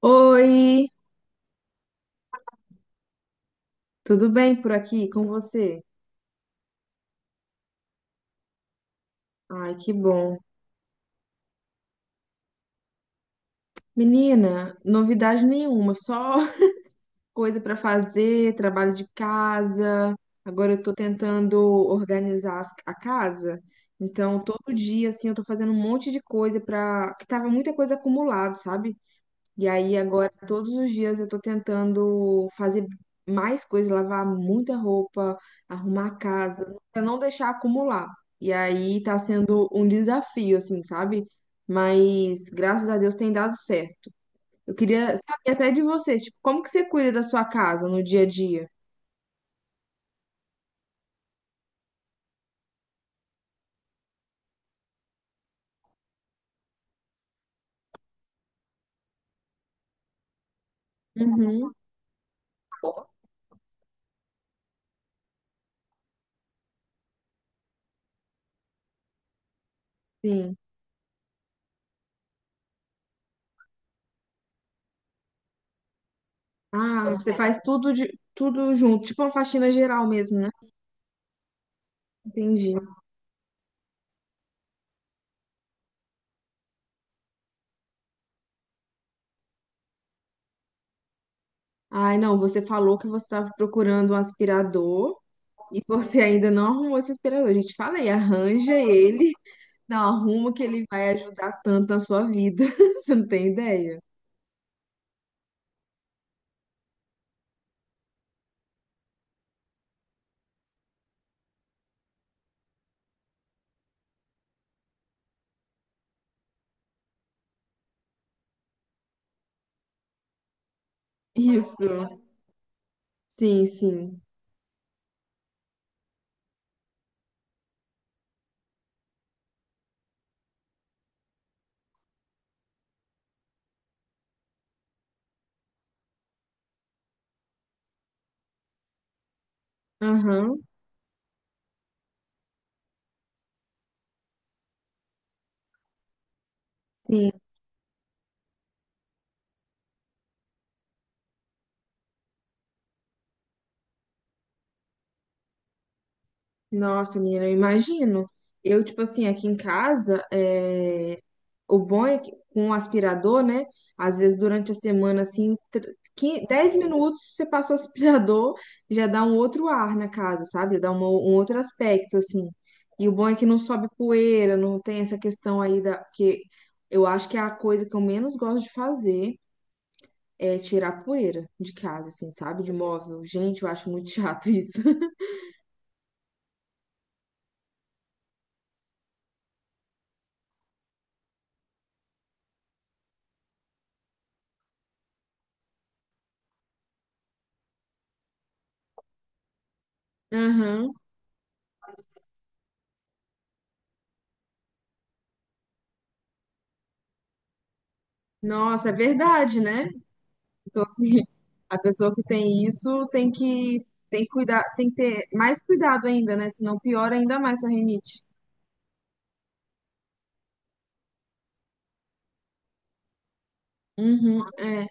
Oi, tudo bem por aqui com você? Ai, que bom. Menina, novidade nenhuma, só coisa pra fazer, trabalho de casa. Agora eu tô tentando organizar a casa. Então, todo dia assim, eu tô fazendo um monte de coisa pra que tava muita coisa acumulada, sabe? E aí agora todos os dias eu tô tentando fazer mais coisas, lavar muita roupa, arrumar a casa, pra não deixar acumular. E aí tá sendo um desafio, assim, sabe? Mas graças a Deus tem dado certo. Eu queria saber até de você, tipo, como que você cuida da sua casa no dia a dia? Uhum, sim. Ah, você faz tudo de tudo junto, tipo uma faxina geral mesmo, né? Entendi. Ai, não, você falou que você estava procurando um aspirador. E você ainda não arrumou esse aspirador. Gente falei, arranja ele, não arruma que ele vai ajudar tanto na sua vida. Você não tem ideia? Isso. Sim, sim. Aham. Nossa, menina, eu imagino. Eu, tipo assim, aqui em casa, é, o bom é que com o aspirador, né? Às vezes durante a semana, assim, 10 minutos você passa o aspirador, já dá um outro ar na casa, sabe? Já dá um outro aspecto, assim. E o bom é que não sobe poeira, não tem essa questão aí da. Porque eu acho que é a coisa que eu menos gosto de fazer é tirar poeira de casa, assim, sabe? De móvel. Gente, eu acho muito chato isso. Aham. Nossa, é verdade, né? pessoa que, a pessoa que tem isso tem que cuidar, tem que ter mais cuidado ainda, né? Senão piora ainda mais a rinite. Uhum, é.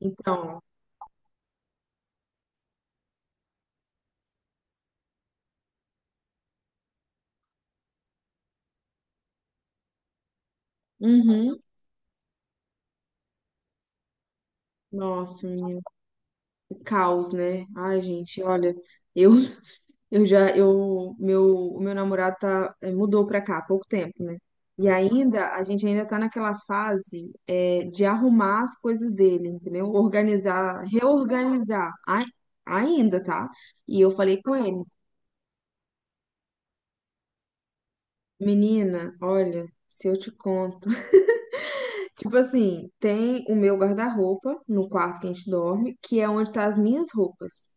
Então, uhum. Nossa, menino, que caos, né? Ai, gente, olha, eu eu já eu meu o meu namorado tá mudou pra cá há pouco tempo, né? E ainda a gente ainda tá naquela fase de arrumar as coisas dele, entendeu? Organizar, reorganizar. Ai, ainda, tá? E eu falei com ele, Menina, olha, se eu te conto. Tipo assim, tem o meu guarda-roupa no quarto que a gente dorme, que é onde tá as minhas roupas.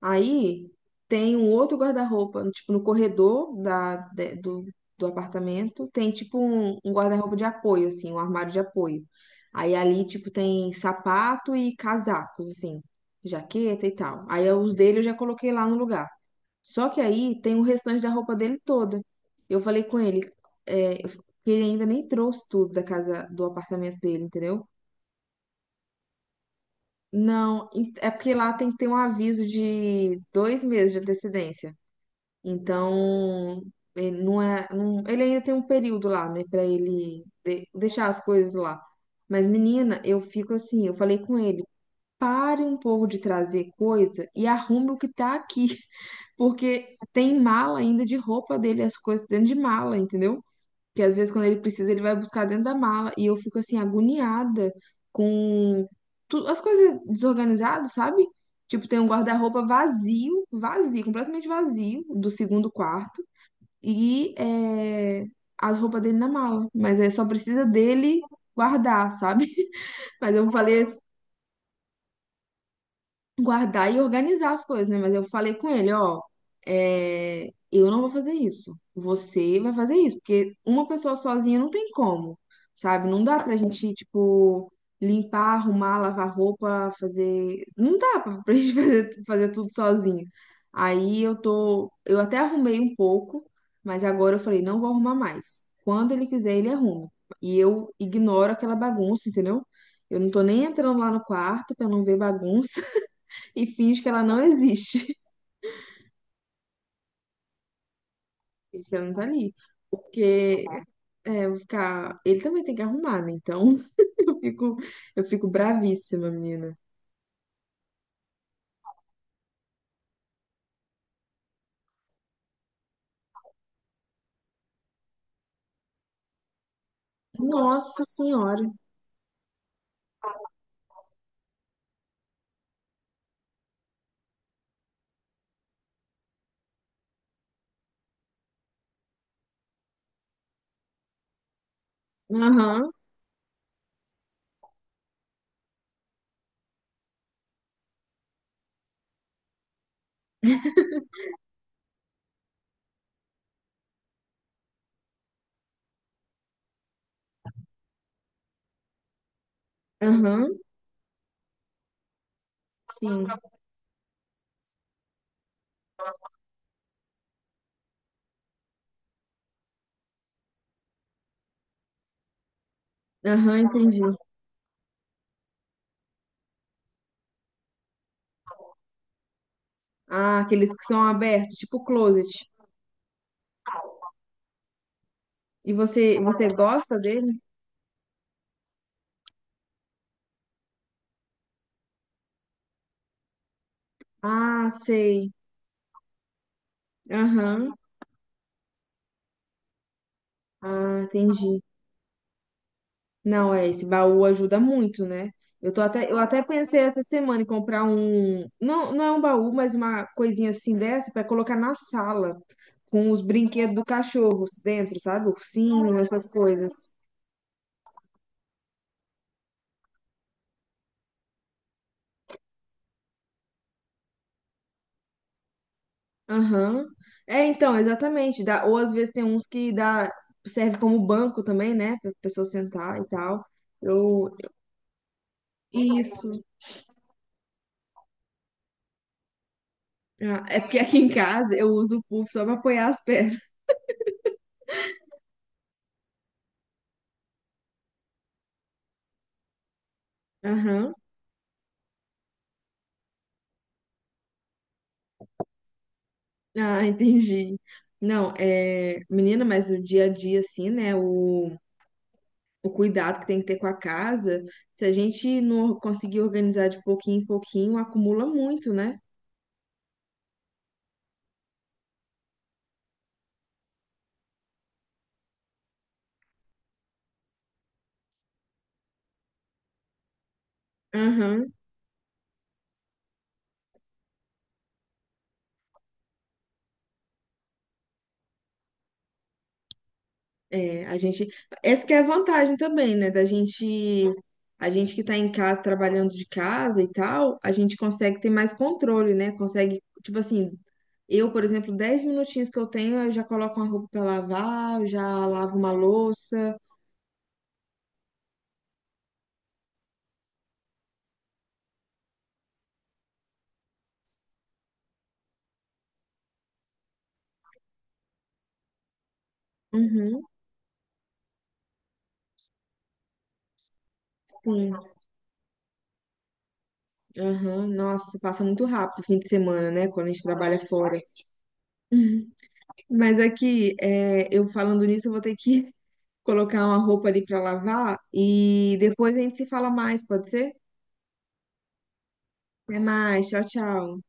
Aí tem um outro guarda-roupa, tipo, no corredor do apartamento, tem tipo um guarda-roupa de apoio, assim, um armário de apoio. Aí ali, tipo, tem sapato e casacos, assim, jaqueta e tal. Aí os dele eu já coloquei lá no lugar. Só que aí tem o restante da roupa dele toda. Eu falei com ele, que ele ainda nem trouxe tudo da casa, do apartamento dele, entendeu? Não, é porque lá tem que ter um aviso de 2 meses de antecedência. Então, ele não é, não- ele ainda tem um período lá, né, pra ele deixar as coisas lá. Mas, menina, eu fico assim, eu falei com ele, pare um pouco de trazer coisa e arrume o que tá aqui. Porque tem mala ainda de roupa dele, as coisas dentro de mala, entendeu? Que às vezes quando ele precisa, ele vai buscar dentro da mala. E eu fico assim, agoniada com as coisas desorganizadas, sabe? Tipo, tem um guarda-roupa vazio, vazio, completamente vazio, do segundo quarto. E as roupas dele na mala. Mas é só precisa dele guardar, sabe? Mas eu falei guardar e organizar as coisas, né? Mas eu falei com ele, ó, eu não vou fazer isso. Você vai fazer isso, porque uma pessoa sozinha não tem como, sabe? Não dá pra gente, tipo, limpar, arrumar, lavar roupa, fazer. Não dá pra gente fazer, tudo sozinho. Aí eu tô. Eu até arrumei um pouco, mas agora eu falei, não vou arrumar mais. Quando ele quiser, ele arruma. E eu ignoro aquela bagunça, entendeu? Eu não tô nem entrando lá no quarto pra não ver bagunça e finge que ela não existe. Finge que ela não tá ali. Porque eu vou ficar. Ele também tem que arrumar, né? Então eu fico, eu fico bravíssima, menina. Nossa senhora. Aham, aham, sim. Aham, entendi. Ah, aqueles que são abertos, tipo closet. E você gosta dele? Ah, sei. Aham. Ah, entendi. Não, esse baú ajuda muito, né? Eu até pensei essa semana em comprar um, não, não é um baú, mas uma coisinha assim dessa para colocar na sala, com os brinquedos do cachorro dentro, sabe? Ursinho, essas coisas. Aham. É, então, exatamente. Dá, ou às vezes tem uns que dá, serve como banco também, né? Pra pessoa sentar e tal. Eu, isso. Ah, é porque aqui em casa eu uso o puff só pra apoiar as pernas. Aham. Ah, entendi. Não, é, menina, mas o dia a dia, assim, né? O cuidado que tem que ter com a casa, se a gente não conseguir organizar de pouquinho em pouquinho, acumula muito, né? Aham. É, a gente. Essa que é a vantagem também, né? Da gente. A gente que tá em casa, trabalhando de casa e tal, a gente consegue ter mais controle, né? Consegue, tipo assim, eu, por exemplo, 10 minutinhos que eu tenho, eu já coloco uma roupa pra lavar, eu já lavo uma louça. Uhum, sim. Aham. Nossa, passa muito rápido o fim de semana, né? Quando a gente trabalha fora. Uhum. Mas aqui, eu falando nisso, eu vou ter que colocar uma roupa ali pra lavar e depois a gente se fala mais, pode ser? Até mais, tchau, tchau.